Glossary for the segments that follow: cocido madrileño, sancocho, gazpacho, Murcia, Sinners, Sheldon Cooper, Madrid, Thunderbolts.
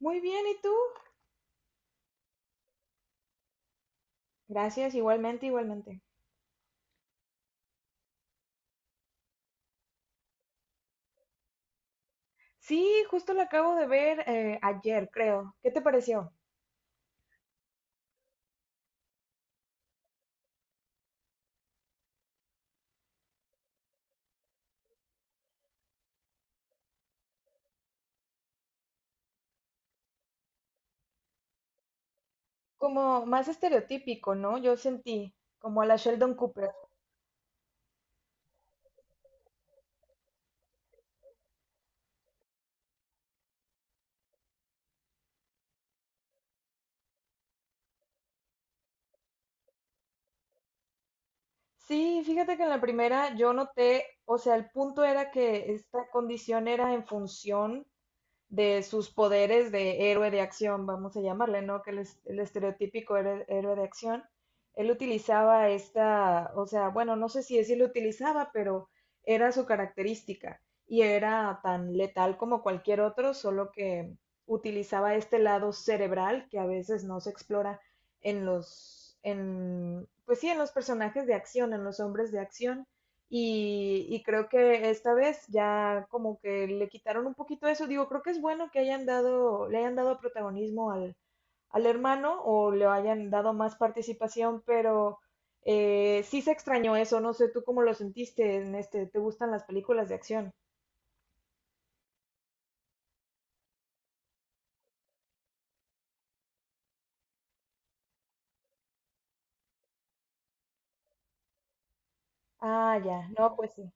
Muy bien, ¿y tú? Gracias, igualmente, igualmente. Sí, justo lo acabo de ver ayer, creo. ¿Qué te pareció? Como más estereotípico, ¿no? Yo sentí, como a la Sheldon Cooper. Sí, fíjate que en la primera yo noté, o sea, el punto era que esta condición era en función de sus poderes de héroe de acción, vamos a llamarle, ¿no? Que el estereotípico héroe de acción. Él utilizaba esta, o sea, bueno, no sé si decirlo utilizaba, pero era su característica y era tan letal como cualquier otro, solo que utilizaba este lado cerebral que a veces no se explora en pues sí, en los personajes de acción, en los hombres de acción. Y creo que esta vez ya como que le quitaron un poquito eso. Digo, creo que es bueno que hayan dado, le hayan dado protagonismo al, al hermano o le hayan dado más participación, pero sí se extrañó eso. No sé tú cómo lo sentiste en este, ¿te gustan las películas de acción? Ah, ya, no, pues sí,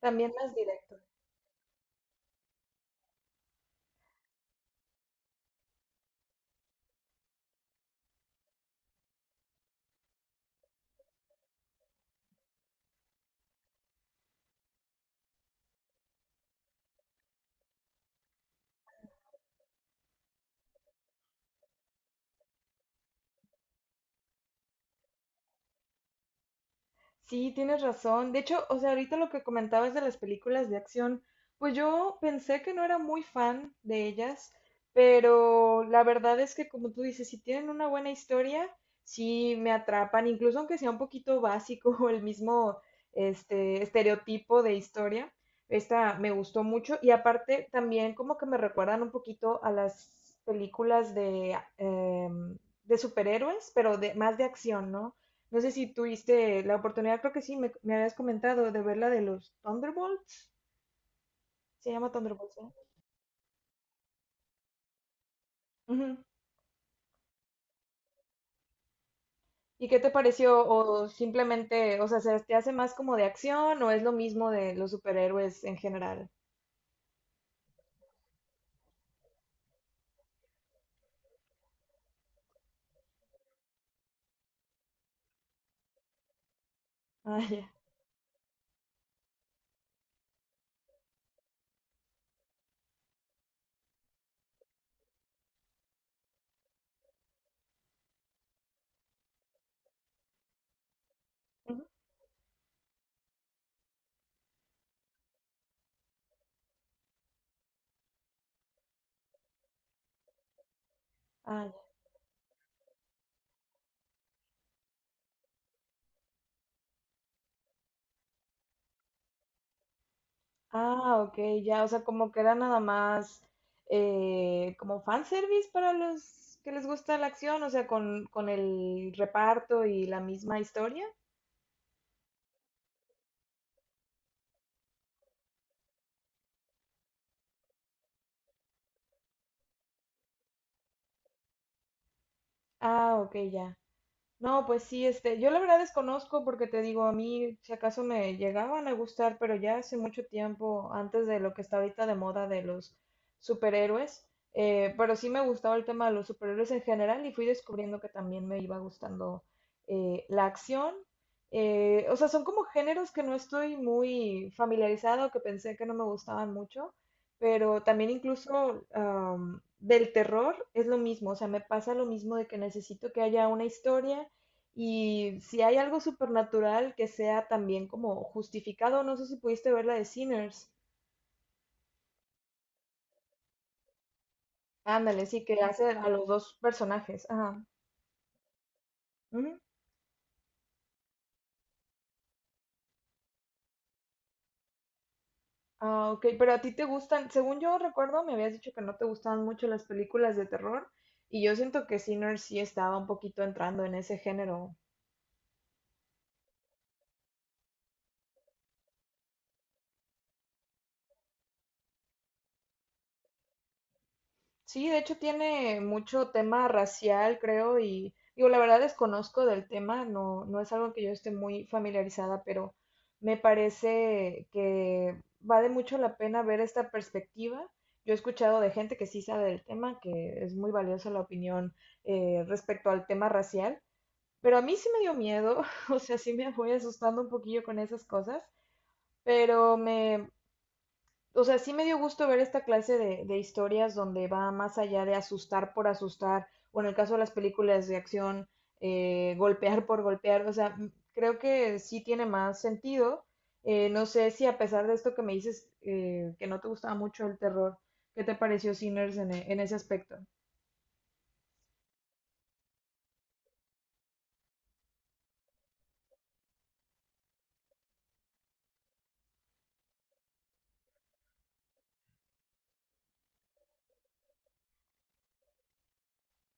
también más directo. Sí, tienes razón. De hecho, o sea, ahorita lo que comentabas de las películas de acción, pues yo pensé que no era muy fan de ellas, pero la verdad es que como tú dices, si tienen una buena historia, sí me atrapan, incluso aunque sea un poquito básico o el mismo este estereotipo de historia. Esta me gustó mucho y aparte también como que me recuerdan un poquito a las películas de, de superhéroes, pero de, más de acción, ¿no? No sé si tuviste la oportunidad, creo que sí, me habías comentado de ver la de los Thunderbolts. Se llama Thunderbolts, ¿no? Ujú. ¿Y qué te pareció? ¿O simplemente, o sea, se te hace más como de acción o es lo mismo de los superhéroes en general? Ah, ya. Ujú. Ah, ya. Ah, ok, ya, o sea, como que era nada más como fanservice para los que les gusta la acción, o sea, con el reparto y la misma historia. Ah, ok, ya. No, pues sí, este, yo la verdad desconozco porque te digo, a mí si acaso me llegaban a gustar, pero ya hace mucho tiempo, antes de lo que está ahorita de moda de los superhéroes, pero sí me gustaba el tema de los superhéroes en general y fui descubriendo que también me iba gustando la acción. O sea, son como géneros que no estoy muy familiarizado, que pensé que no me gustaban mucho, pero también incluso del terror es lo mismo, o sea, me pasa lo mismo de que necesito que haya una historia y si hay algo supernatural que sea también como justificado, no sé si pudiste ver la de Sinners. Ándale, sí, que hace a los dos personajes. Ajá. Ujú. Ah, ok, pero a ti te gustan, según yo recuerdo, me habías dicho que no te gustaban mucho las películas de terror, y yo siento que Sinners sí estaba un poquito entrando en ese género. Sí, de hecho tiene mucho tema racial, creo, y digo, la verdad desconozco del tema, no, no es algo que yo esté muy familiarizada, pero me parece que vale mucho la pena ver esta perspectiva. Yo he escuchado de gente que sí sabe del tema, que es muy valiosa la opinión respecto al tema racial, pero a mí sí me dio miedo, o sea, sí me voy asustando un poquillo con esas cosas, pero me, o sea, sí me dio gusto ver esta clase de historias donde va más allá de asustar por asustar, o en el caso de las películas de acción, golpear por golpear, o sea, creo que sí tiene más sentido. No sé si a pesar de esto que me dices, que no te gustaba mucho el terror, ¿qué te pareció Sinners en, en ese aspecto?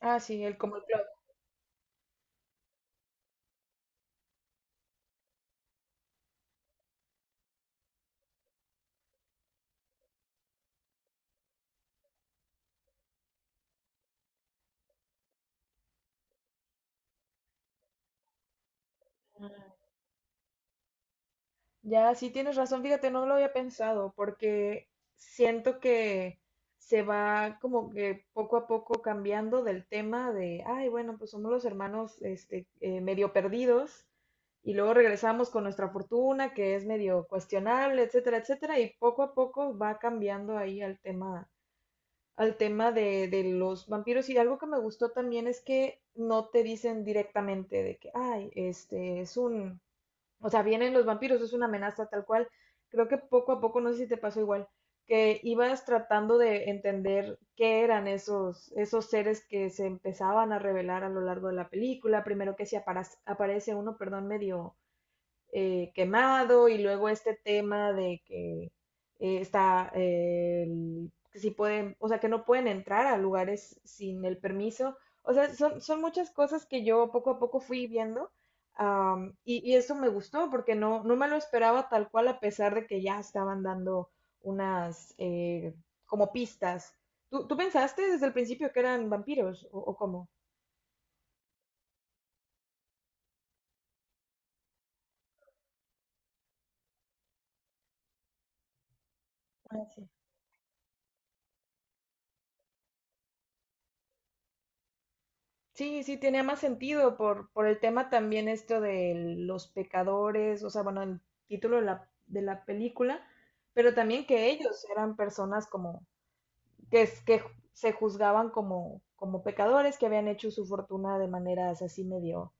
Ah, sí, el como el plot. Ya, sí tienes razón, fíjate, no lo había pensado porque siento que se va como que poco a poco cambiando del tema de, ay, bueno, pues somos los hermanos este, medio perdidos y luego regresamos con nuestra fortuna que es medio cuestionable, etcétera, etcétera, y poco a poco va cambiando ahí al tema de los vampiros. Y algo que me gustó también es que no te dicen directamente de que, ay, este es un o sea, vienen los vampiros, es una amenaza tal cual. Creo que poco a poco, no sé si te pasó igual, que ibas tratando de entender qué eran esos, esos seres que se empezaban a revelar a lo largo de la película. Primero que si aparece uno, perdón, medio quemado y luego este tema de que que si pueden, o sea, que no pueden entrar a lugares sin el permiso. O sea, son, son muchas cosas que yo poco a poco fui viendo. Y, y eso me gustó porque no, no me lo esperaba tal cual, a pesar de que ya estaban dando unas como pistas. ¿Tú, tú pensaste desde el principio que eran vampiros o cómo? Sí, sí, tenía más sentido por el tema también esto de los pecadores, o sea, bueno, el título de la película, pero también que ellos eran personas como, que, es- que ju- se juzgaban como, como pecadores, que habían hecho su fortuna de maneras así medio,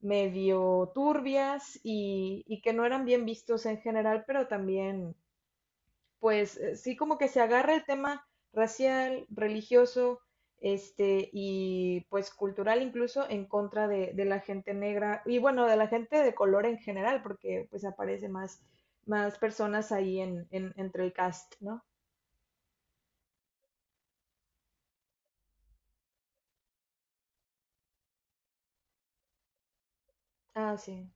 medio turbias y que no eran bien vistos en general, pero también pues sí como que se agarra el tema racial, religioso, este, y pues cultural incluso en contra de la gente negra y bueno, de la gente de color en general, porque pues aparece más, más personas ahí en, entre el cast, ¿no? Ah, sí.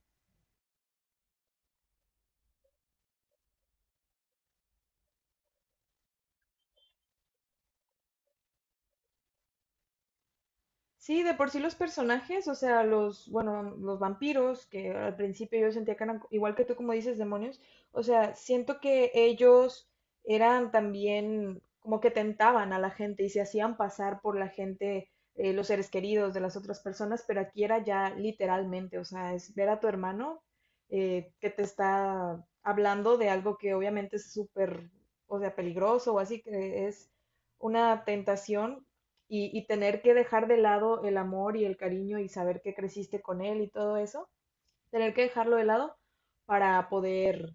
Sí, de por sí los personajes, o sea, los, bueno, los vampiros, que al principio yo sentía que eran, igual que tú como dices, demonios, o sea, siento que ellos eran también como que tentaban a la gente y se hacían pasar por la gente, los seres queridos de las otras personas, pero aquí era ya literalmente, o sea, es ver a tu hermano que te está hablando de algo que obviamente es súper, o sea, peligroso o así, que es una tentación y tener que dejar de lado el amor y el cariño y saber que creciste con él y todo eso, tener que dejarlo de lado para poder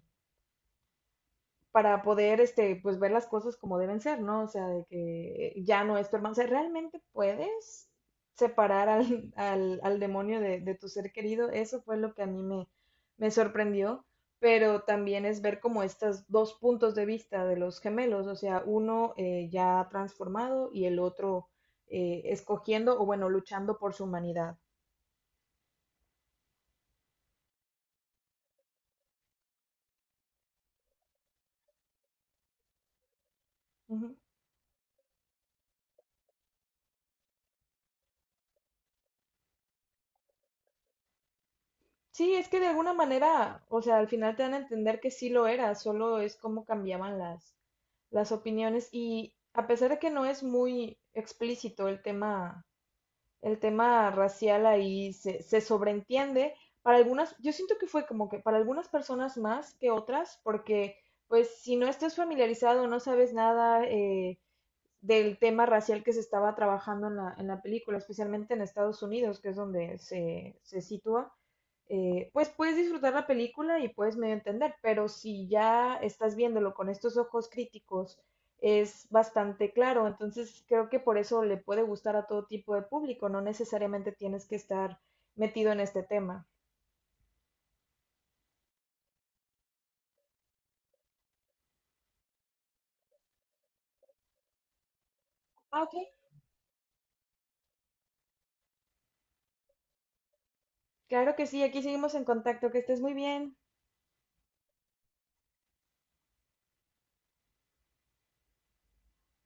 para poder, este, pues ver las cosas como deben ser, ¿no? O sea, de que ya no es tu hermano. O sea, ¿realmente puedes separar al, al, al demonio de tu ser querido? Eso fue lo que a mí me, me sorprendió, pero también es ver como estos dos puntos de vista de los gemelos, o sea, uno ya transformado y el otro escogiendo o bueno, luchando por su humanidad. Ujú. Sí, es que de alguna manera, o sea, al final te dan a entender que sí lo era, solo es como cambiaban las opiniones y a pesar de que no es muy explícito el tema racial ahí se, se sobreentiende, para algunas, yo siento que fue como que para algunas personas más que otras, porque pues si no estás familiarizado, no sabes nada, del tema racial que se estaba trabajando en la película, especialmente en Estados Unidos, que es donde se sitúa, pues puedes disfrutar la película y puedes medio entender, pero si ya estás viéndolo con estos ojos críticos, es bastante claro. Entonces creo que por eso le puede gustar a todo tipo de público, no necesariamente tienes que estar metido en este tema. Ah, ok. Claro que sí, aquí seguimos en contacto, que estés muy bien.